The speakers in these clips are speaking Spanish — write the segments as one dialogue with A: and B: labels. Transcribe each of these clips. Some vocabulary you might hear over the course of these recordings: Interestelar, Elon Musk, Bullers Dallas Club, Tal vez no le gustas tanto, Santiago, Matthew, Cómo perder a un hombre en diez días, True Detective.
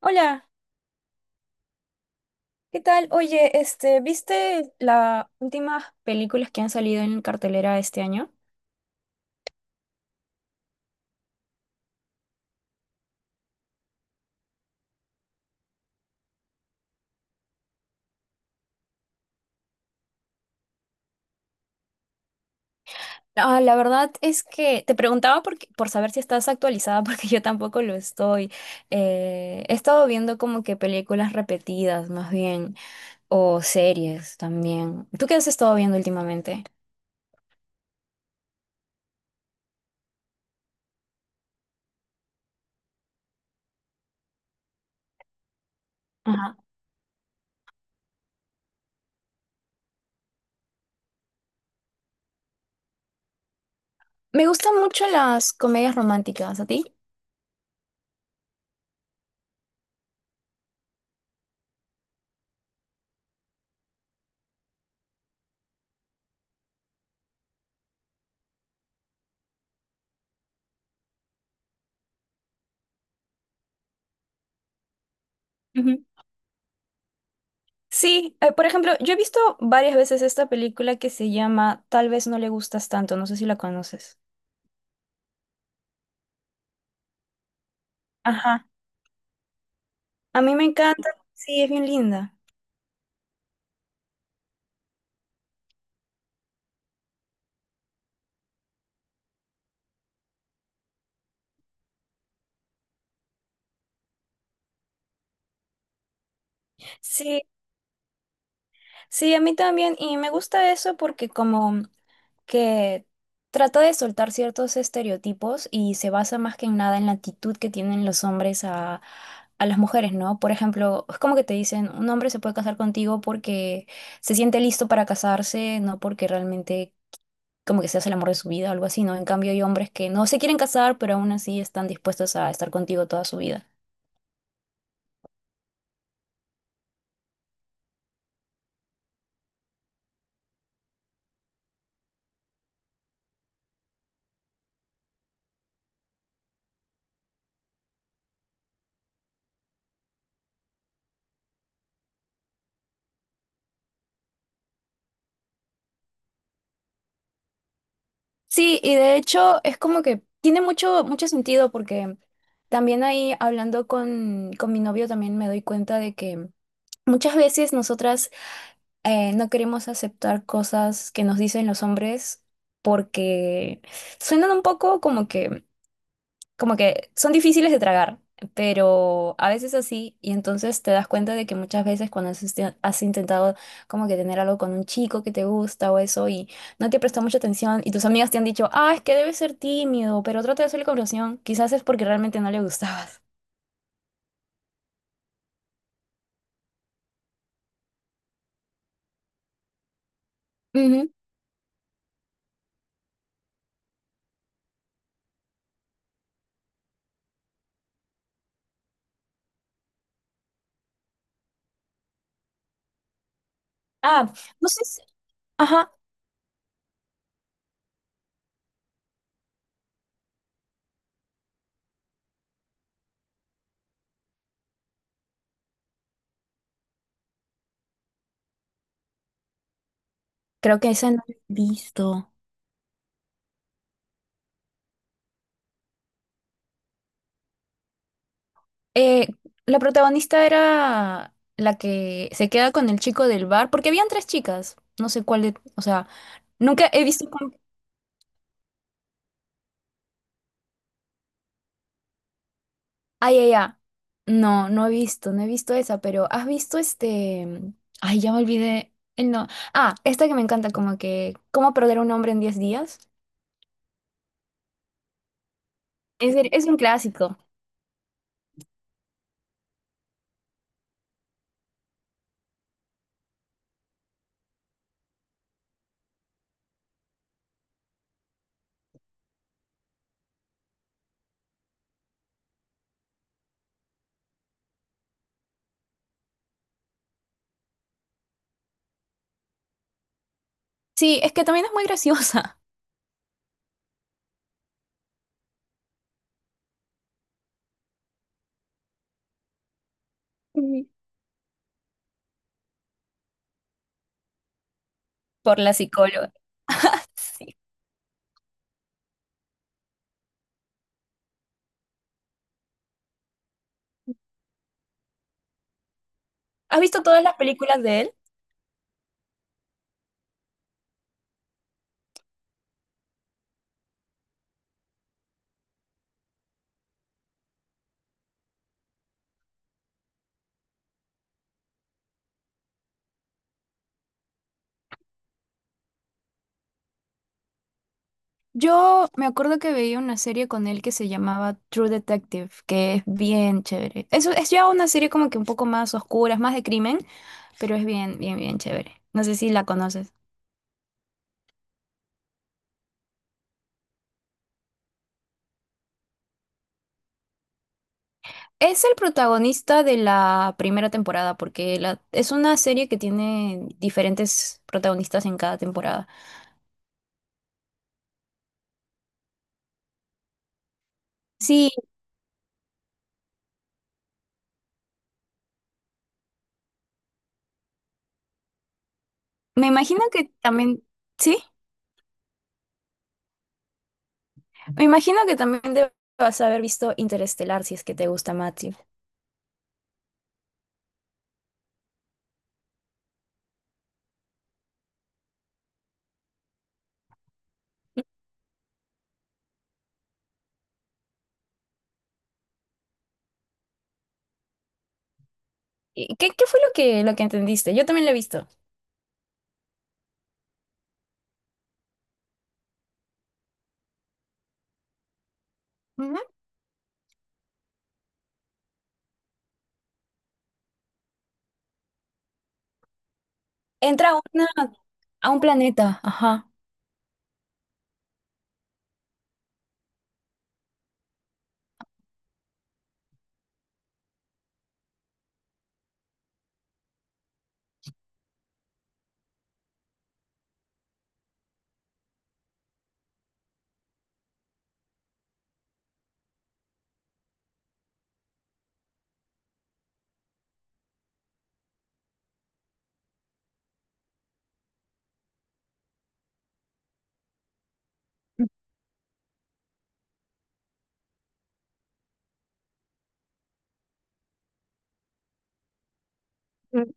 A: Hola, ¿qué tal? Oye, ¿viste las últimas películas que han salido en cartelera este año? Ah, la verdad es que te preguntaba por saber si estás actualizada, porque yo tampoco lo estoy. He estado viendo como que películas repetidas, más bien, o series también. ¿Tú qué has estado viendo últimamente? Ajá. Me gustan mucho las comedias románticas, ¿a ti? Ujú. Sí, por ejemplo, yo he visto varias veces esta película que se llama Tal vez no le gustas tanto, no sé si la conoces. Ajá. A mí me encanta, sí, es bien linda. Sí, sí, a mí también, y me gusta eso porque como que trata de soltar ciertos estereotipos y se basa más que en nada en la actitud que tienen los hombres a las mujeres, ¿no? Por ejemplo, es como que te dicen, un hombre se puede casar contigo porque se siente listo para casarse, no porque realmente como que seas el amor de su vida o algo así, ¿no? En cambio, hay hombres que no se quieren casar, pero aún así están dispuestos a estar contigo toda su vida. Sí, y de hecho es como que tiene mucho sentido porque también ahí hablando con mi novio también me doy cuenta de que muchas veces nosotras no queremos aceptar cosas que nos dicen los hombres porque suenan un poco como que son difíciles de tragar, pero a veces así, y entonces te das cuenta de que muchas veces cuando has intentado como que tener algo con un chico que te gusta o eso y no te presta mucha atención y tus amigas te han dicho, ah, es que debes ser tímido, pero trata de hacerle conversación, quizás es porque realmente no le gustabas. Ujú. Ah, no sé si... Ajá, creo que esa no lo he visto. Eh, la protagonista era la que se queda con el chico del bar, porque habían tres chicas. No sé cuál de- O sea, nunca he visto con- Ay, ay, ay. No, no he visto esa, pero ¿has visto este? Ay, ya me olvidé el no. Ah, esta que me encanta, como que ¿Cómo perder a un hombre en 10 días? Es un clásico. Sí, es que también es muy graciosa. Ujú. Por la psicóloga. Sí. ¿Has visto todas las películas de él? Yo me acuerdo que veía una serie con él que se llamaba True Detective, que es bien chévere. Eso es ya una serie como que un poco más oscura, es más de crimen, pero es bien chévere. No sé si la conoces. Es el protagonista de la primera temporada, porque es una serie que tiene diferentes protagonistas en cada temporada. Sí, me imagino que también, sí, me imagino que también debas haber visto Interestelar si es que te gusta, Matthew. ¿Y ¿Qué fue lo que entendiste? Yo también lo he visto. Entra a, una- a un planeta, ajá. Mm,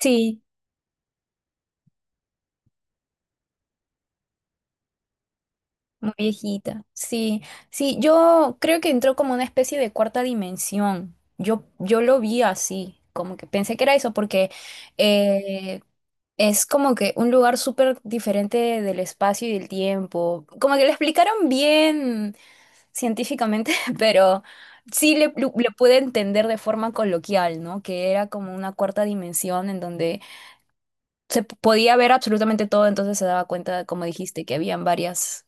A: sí, muy viejita. Sí, sí, yo creo que entró como una especie de cuarta dimensión. Yo lo vi así, como que pensé que era eso, porque eh, es como que un lugar súper diferente del espacio y del tiempo. Como que lo explicaron bien científicamente, pero sí le pude entender de forma coloquial, ¿no? Que era como una cuarta dimensión en donde podía ver absolutamente todo, entonces se daba cuenta, como dijiste,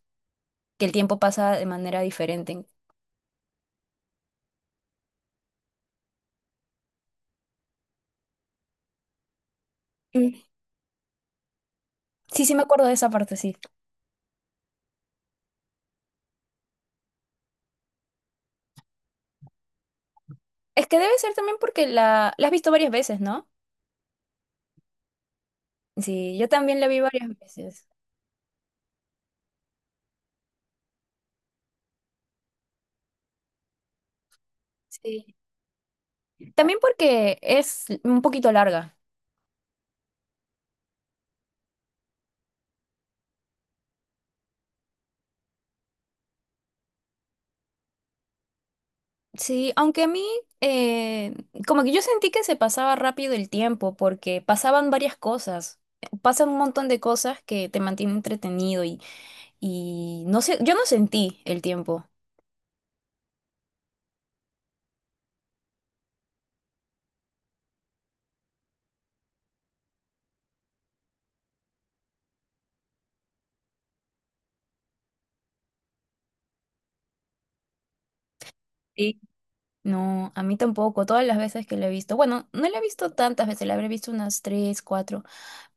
A: que el tiempo pasa de manera diferente. Mm, sí, sí me acuerdo de esa parte, sí. Es que debe ser también porque la has visto varias veces, ¿no? Sí, yo también la vi varias veces. Sí. También porque es un poquito larga. Sí, aunque a mí, eh, como que yo sentí que se pasaba rápido el tiempo, porque pasaban varias cosas. Pasan un montón de cosas que te mantienen entretenido y no sé, yo no sentí el tiempo. Sí. No, a mí tampoco. Todas las veces que la he visto, bueno, no la he visto tantas veces, la habré visto unas tres, cuatro,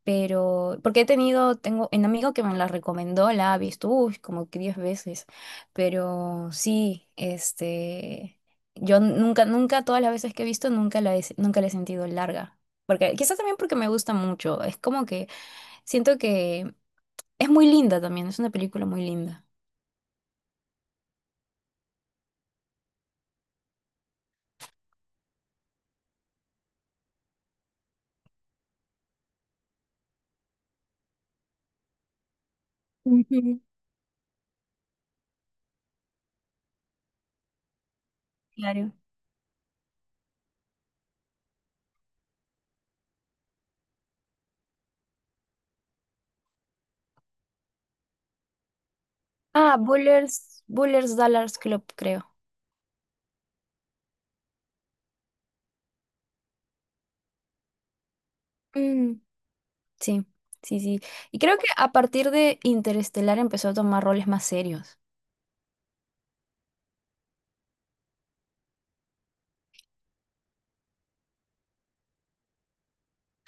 A: pero porque he tengo un amigo que me la recomendó, la ha visto, uy, como que 10 veces, pero sí, yo nunca, nunca, todas las veces que he visto, nunca la he sentido larga, porque quizás también porque me gusta mucho, es como que siento que es muy linda también, es una película muy linda. Ujú. Claro. Ah, Bullers Dallas Club, creo. Mm, sí, sí. Y creo que a partir de Interestelar empezó a tomar roles más serios.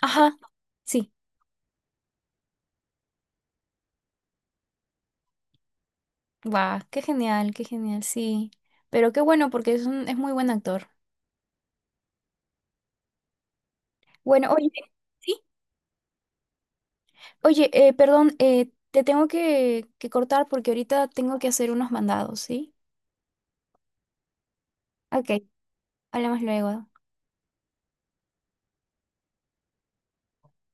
A: Ajá, sí. Va, qué genial, sí. Pero qué bueno, porque es muy buen actor. Bueno, oye, sí. Oye, perdón, te tengo que cortar porque ahorita tengo que hacer unos mandados, ¿sí? Ok, hablamos luego.